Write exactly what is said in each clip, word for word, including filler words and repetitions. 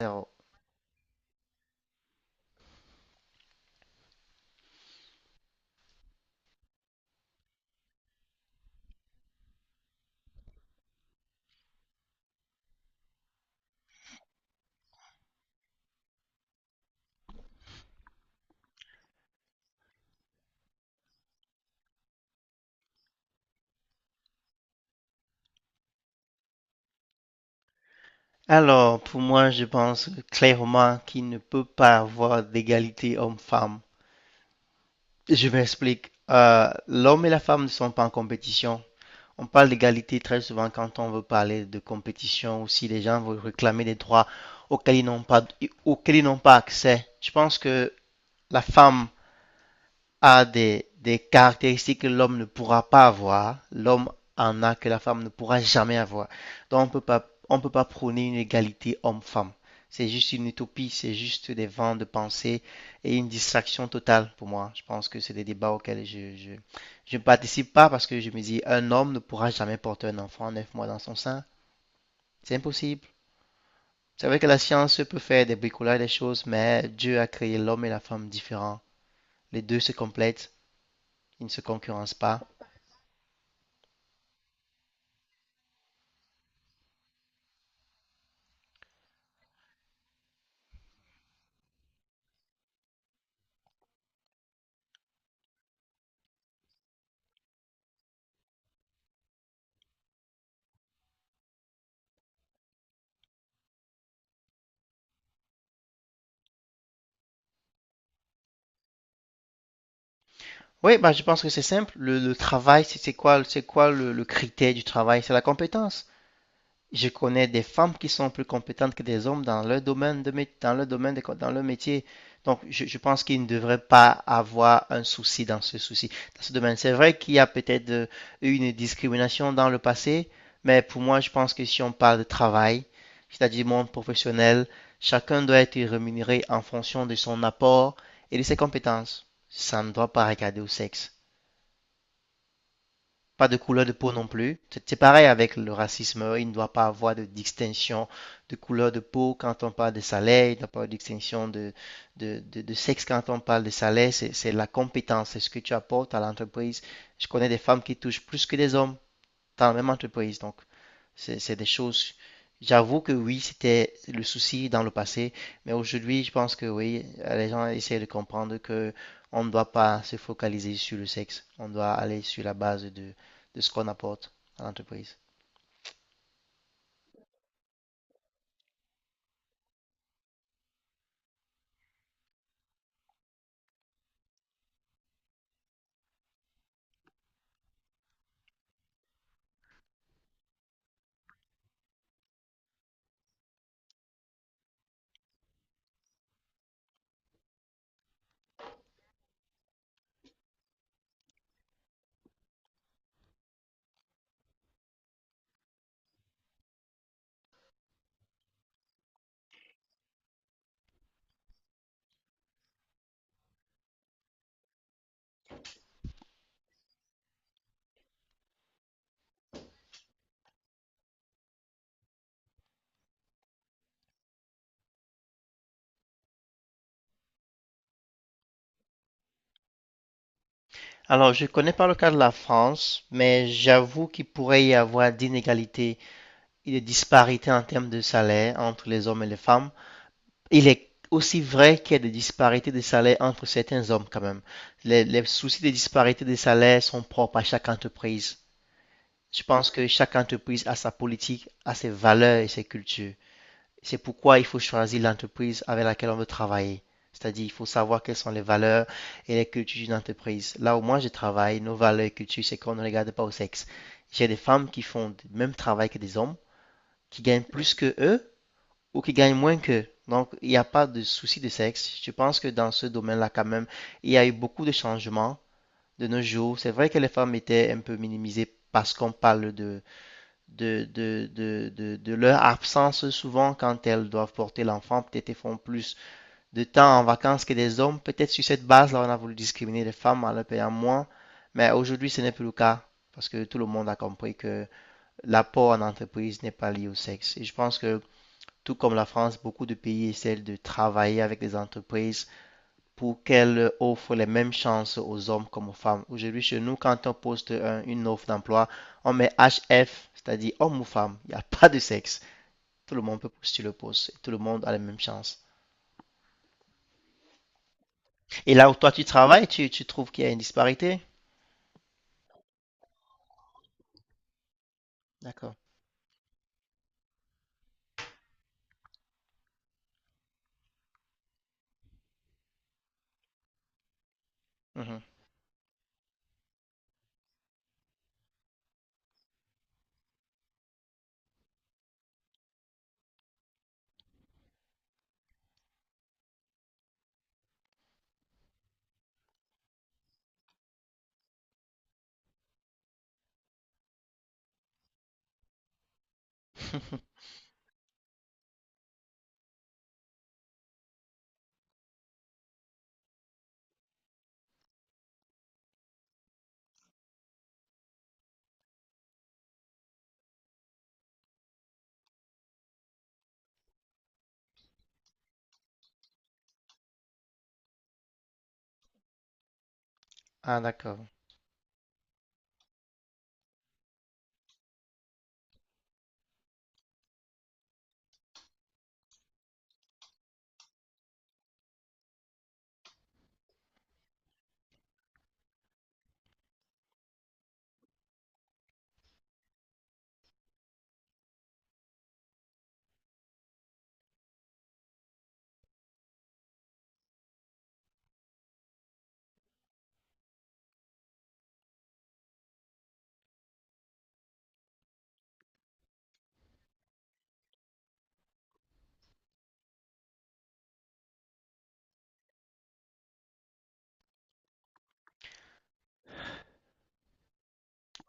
Zéro. Alors, pour moi, je pense clairement qu'il ne peut pas avoir d'égalité homme-femme. Je m'explique. Euh, l'homme et la femme ne sont pas en compétition. On parle d'égalité très souvent quand on veut parler de compétition ou si les gens veulent réclamer des droits auxquels ils n'ont pas, auxquels ils n'ont pas accès. Je pense que la femme a des, des caractéristiques que l'homme ne pourra pas avoir, l'homme en a que la femme ne pourra jamais avoir. Donc on ne peut pas, on peut pas prôner une égalité homme-femme. C'est juste une utopie, c'est juste des vents de pensée et une distraction totale pour moi. Je pense que c'est des débats auxquels je, je, je ne participe pas parce que je me dis un homme ne pourra jamais porter un enfant à neuf mois dans son sein. C'est impossible. C'est vrai que la science peut faire des bricolages, des choses, mais Dieu a créé l'homme et la femme différents. Les deux se complètent, ils ne se concurrencent pas. Oui, bah, je pense que c'est simple. Le, le travail, c'est c'est quoi, c'est quoi le, le critère du travail? C'est la compétence. Je connais des femmes qui sont plus compétentes que des hommes dans leur domaine de, mé- dans leur domaine de co- dans leur métier. Donc, je, je pense qu'ils ne devraient pas avoir un souci dans ce souci, dans ce domaine. C'est vrai qu'il y a peut-être euh, eu une discrimination dans le passé, mais pour moi, je pense que si on parle de travail, c'est-à-dire monde professionnel, chacun doit être rémunéré en fonction de son apport et de ses compétences. Ça ne doit pas regarder au sexe pas de couleur de peau non plus. C'est pareil avec le racisme. Il ne doit pas avoir de distinction de couleur de peau quand on parle de salaire. Il ne doit pas avoir de distinction de, de, de- de sexe quand on parle de salaire. C'est la compétence, c'est ce que tu apportes à l'entreprise. Je connais des femmes qui touchent plus que des hommes dans la même entreprise. Donc, c'est des choses. J'avoue que oui, c'était le souci dans le passé, mais aujourd'hui, je pense que oui, euh, les gens essaient de comprendre que on ne doit pas se focaliser sur le sexe. On doit aller sur la base de, de ce qu'on apporte à l'entreprise. Alors, je ne connais pas le cas de la France, mais j'avoue qu'il pourrait y avoir d'inégalités et de disparités en termes de salaire entre les hommes et les femmes. Il est aussi vrai qu'il y a des disparités de salaire entre certains hommes quand même. Les, les soucis des disparités de salaire sont propres à chaque entreprise. Je pense que chaque entreprise a sa politique, a ses valeurs et ses cultures. C'est pourquoi il faut choisir l'entreprise avec laquelle on veut travailler. C'est-à-dire, il faut savoir quelles sont les valeurs et les cultures d'une entreprise. Là où moi je travaille, nos valeurs et cultures, c'est qu'on ne regarde pas au sexe. J'ai des femmes qui font le même travail que des hommes, qui gagnent plus que eux, ou qui gagnent moins qu'eux. Donc, il n'y a pas de souci de sexe. Je pense que dans ce domaine-là, quand même, il y a eu beaucoup de changements de nos jours. C'est vrai que les femmes étaient un peu minimisées parce qu'on parle de, de, de, de, de- de leur absence souvent quand elles doivent porter l'enfant. Peut-être elles font plus de temps en vacances que des hommes. Peut-être sur cette base-là, on a voulu discriminer les femmes en leur payant moins. Mais aujourd'hui, ce n'est plus le cas parce que tout le monde a compris que l'apport en entreprise n'est pas lié au sexe. Et je pense que tout comme la France, beaucoup de pays essaient de travailler avec les entreprises pour qu'elles offrent les mêmes chances aux hommes comme aux femmes. Aujourd'hui, chez nous, quand on poste un- une offre d'emploi, on met H F, c'est-à-dire homme ou femme. Il n'y a pas de sexe. Tout le monde peut postuler le poste. Tout le monde a les mêmes chances. Et là où toi, tu travailles, tu, tu trouves qu'il y a une disparité? D'accord. Mhm. Ah, d'accord.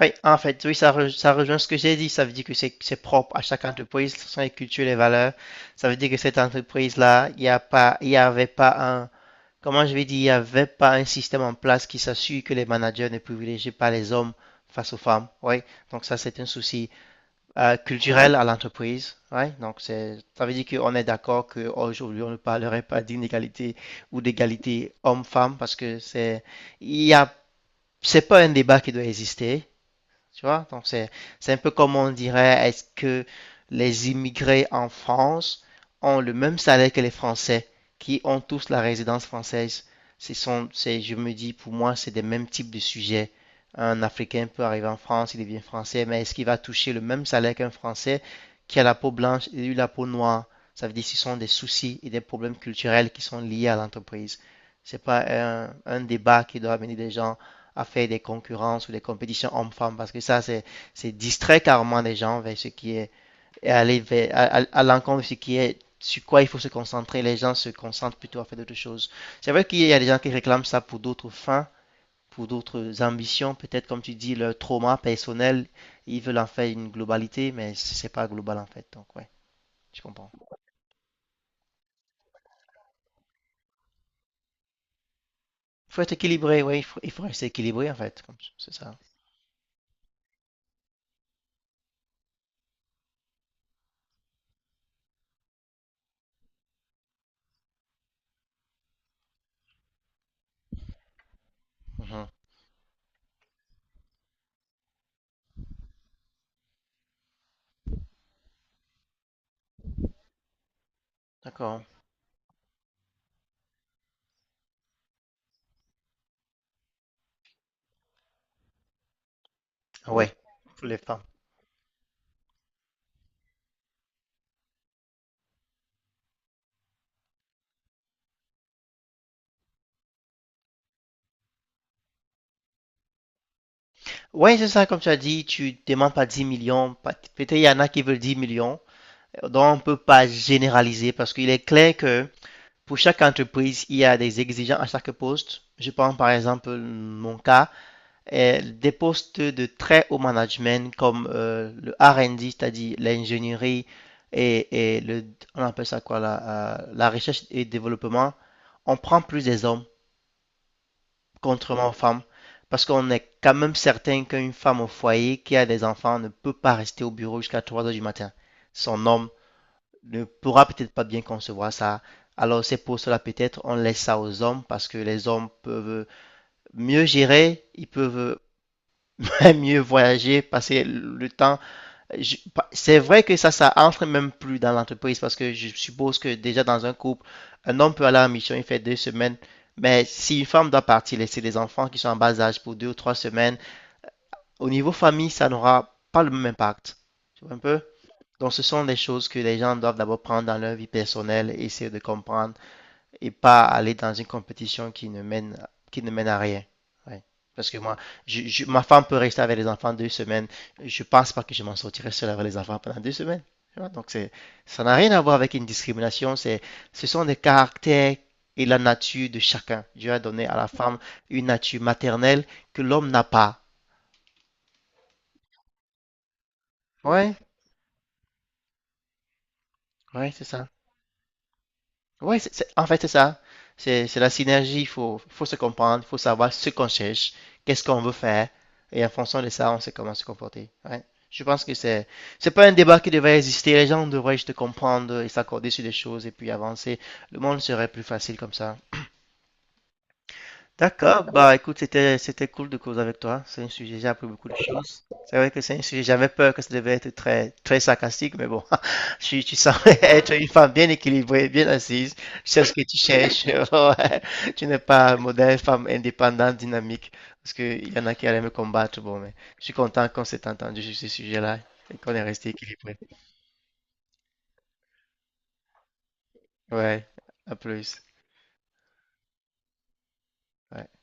Oui, en fait, oui, ça, re- ça rejoint ce que j'ai dit. Ça veut dire que c'est c'est propre à chaque entreprise, ce sont les cultures, les valeurs. Ça veut dire que cette entreprise-là, il n'y a pas, il y avait pas un, comment je vais dire, il n'y avait pas un système en place qui s'assure que les managers ne privilégient pas les hommes face aux femmes. Oui, donc ça, c'est un souci euh, culturel à l'entreprise. Oui, donc c'est, ça veut dire qu'on est d'accord qu'aujourd'hui, on ne parlerait pas d'inégalité ou d'égalité homme-femme parce que c'est, il y a, c'est pas un débat qui doit exister. Tu vois? Donc, c'est, c'est un peu comme on dirait, est-ce que les immigrés en France ont le même salaire que les Français qui ont tous la résidence française? Ce sont, c'est, je me dis, pour moi, c'est des mêmes types de sujets. Un Africain peut arriver en France, il devient français, mais est-ce qu'il va toucher le même salaire qu'un Français qui a la peau blanche et lui la peau noire? Ça veut dire que ce sont des soucis et des problèmes culturels qui sont liés à l'entreprise. C'est pas un, un débat qui doit venir des gens à faire des concurrences ou des compétitions hommes-femmes parce que ça, c'est, c'est distrait carrément les gens vers ce qui est, et aller vers, à, à, à l'encontre de ce qui est sur quoi il faut se concentrer. Les gens se concentrent plutôt à faire d'autres choses. C'est vrai qu'il y a des gens qui réclament ça pour d'autres fins, pour d'autres ambitions, peut-être comme tu dis, leur trauma personnel, ils veulent en faire une globalité, mais c'est pas global en fait. Donc, ouais, je comprends. Il faut être équilibré, ouais, il faut, il faut rester équilibré en fait, comme- c'est ça. Mhm. D'accord. Ouais, pour les femmes. Ouais, c'est ça, comme tu as dit, tu demandes pas dix millions. pas- Peut-être il y en a qui veulent dix millions. Donc, on ne peut pas généraliser parce qu'il est clair que pour chaque entreprise, il y a des exigences à chaque poste. Je prends par exemple mon cas, euh, des postes de très haut management comme euh, le R et D, c'est-à-dire l'ingénierie et, et le, on appelle ça quoi, la, euh, la recherche et développement. On prend plus des hommes contrairement aux femmes. Parce qu'on est quand même certain qu'une femme au foyer qui a des enfants ne peut pas rester au bureau jusqu'à trois heures du matin. Son homme ne pourra peut-être pas bien concevoir ça. Alors c'est pour cela peut-être on laisse ça aux hommes parce que les hommes peuvent mieux gérer, ils peuvent mieux voyager, passer le temps je- c'est vrai que ça, ça entre même plus dans l'entreprise parce que je suppose que déjà dans un couple, un homme peut aller en mission, il fait deux semaines, mais si une femme doit partir, laisser les enfants qui sont en bas âge pour deux ou trois semaines, au niveau famille, ça n'aura pas le même impact. Tu vois un peu? Donc ce sont des choses que les gens doivent d'abord prendre dans leur vie personnelle et essayer de comprendre et pas aller dans une compétition qui ne mène, qui ne mène à rien. Ouais. Parce que moi, je- je- ma femme peut rester avec les enfants deux semaines. Je pense pas que je m'en sortirai seul avec les enfants pendant deux semaines. Donc ça n'a rien à voir avec une discrimination. C'est, ce sont des caractères et la nature de chacun. Dieu a donné à la femme une nature maternelle que l'homme n'a pas. Ouais, ouais, c'est ça. Oui, c'est, c'est- en fait, c'est ça. C'est, c'est la synergie. Il faut, faut se comprendre, il faut savoir ce qu'on cherche, qu'est-ce qu'on veut faire. Et en fonction de ça, on sait comment se comporter. Ouais. Je pense que c'est, c'est pas un débat qui devrait exister. Les gens devraient juste comprendre et s'accorder sur des choses et puis avancer. Le monde serait plus facile comme ça. D'accord, bah écoute, c'était c'était cool de causer avec toi. C'est un sujet, j'ai appris beaucoup de choses. C'est vrai que c'est un sujet, j'avais peur que ça devait être très très sarcastique, mais bon, tu, tu semblais être une femme bien équilibrée, bien assise. Tu sais ce que tu cherches. Ouais. Tu n'es pas un modèle femme indépendante, dynamique, parce qu'il y en a qui allaient me combattre. Bon, mais je suis content qu'on s'est entendu sur ce sujet-là et qu'on est resté équilibré. Ouais, à plus. Ouais.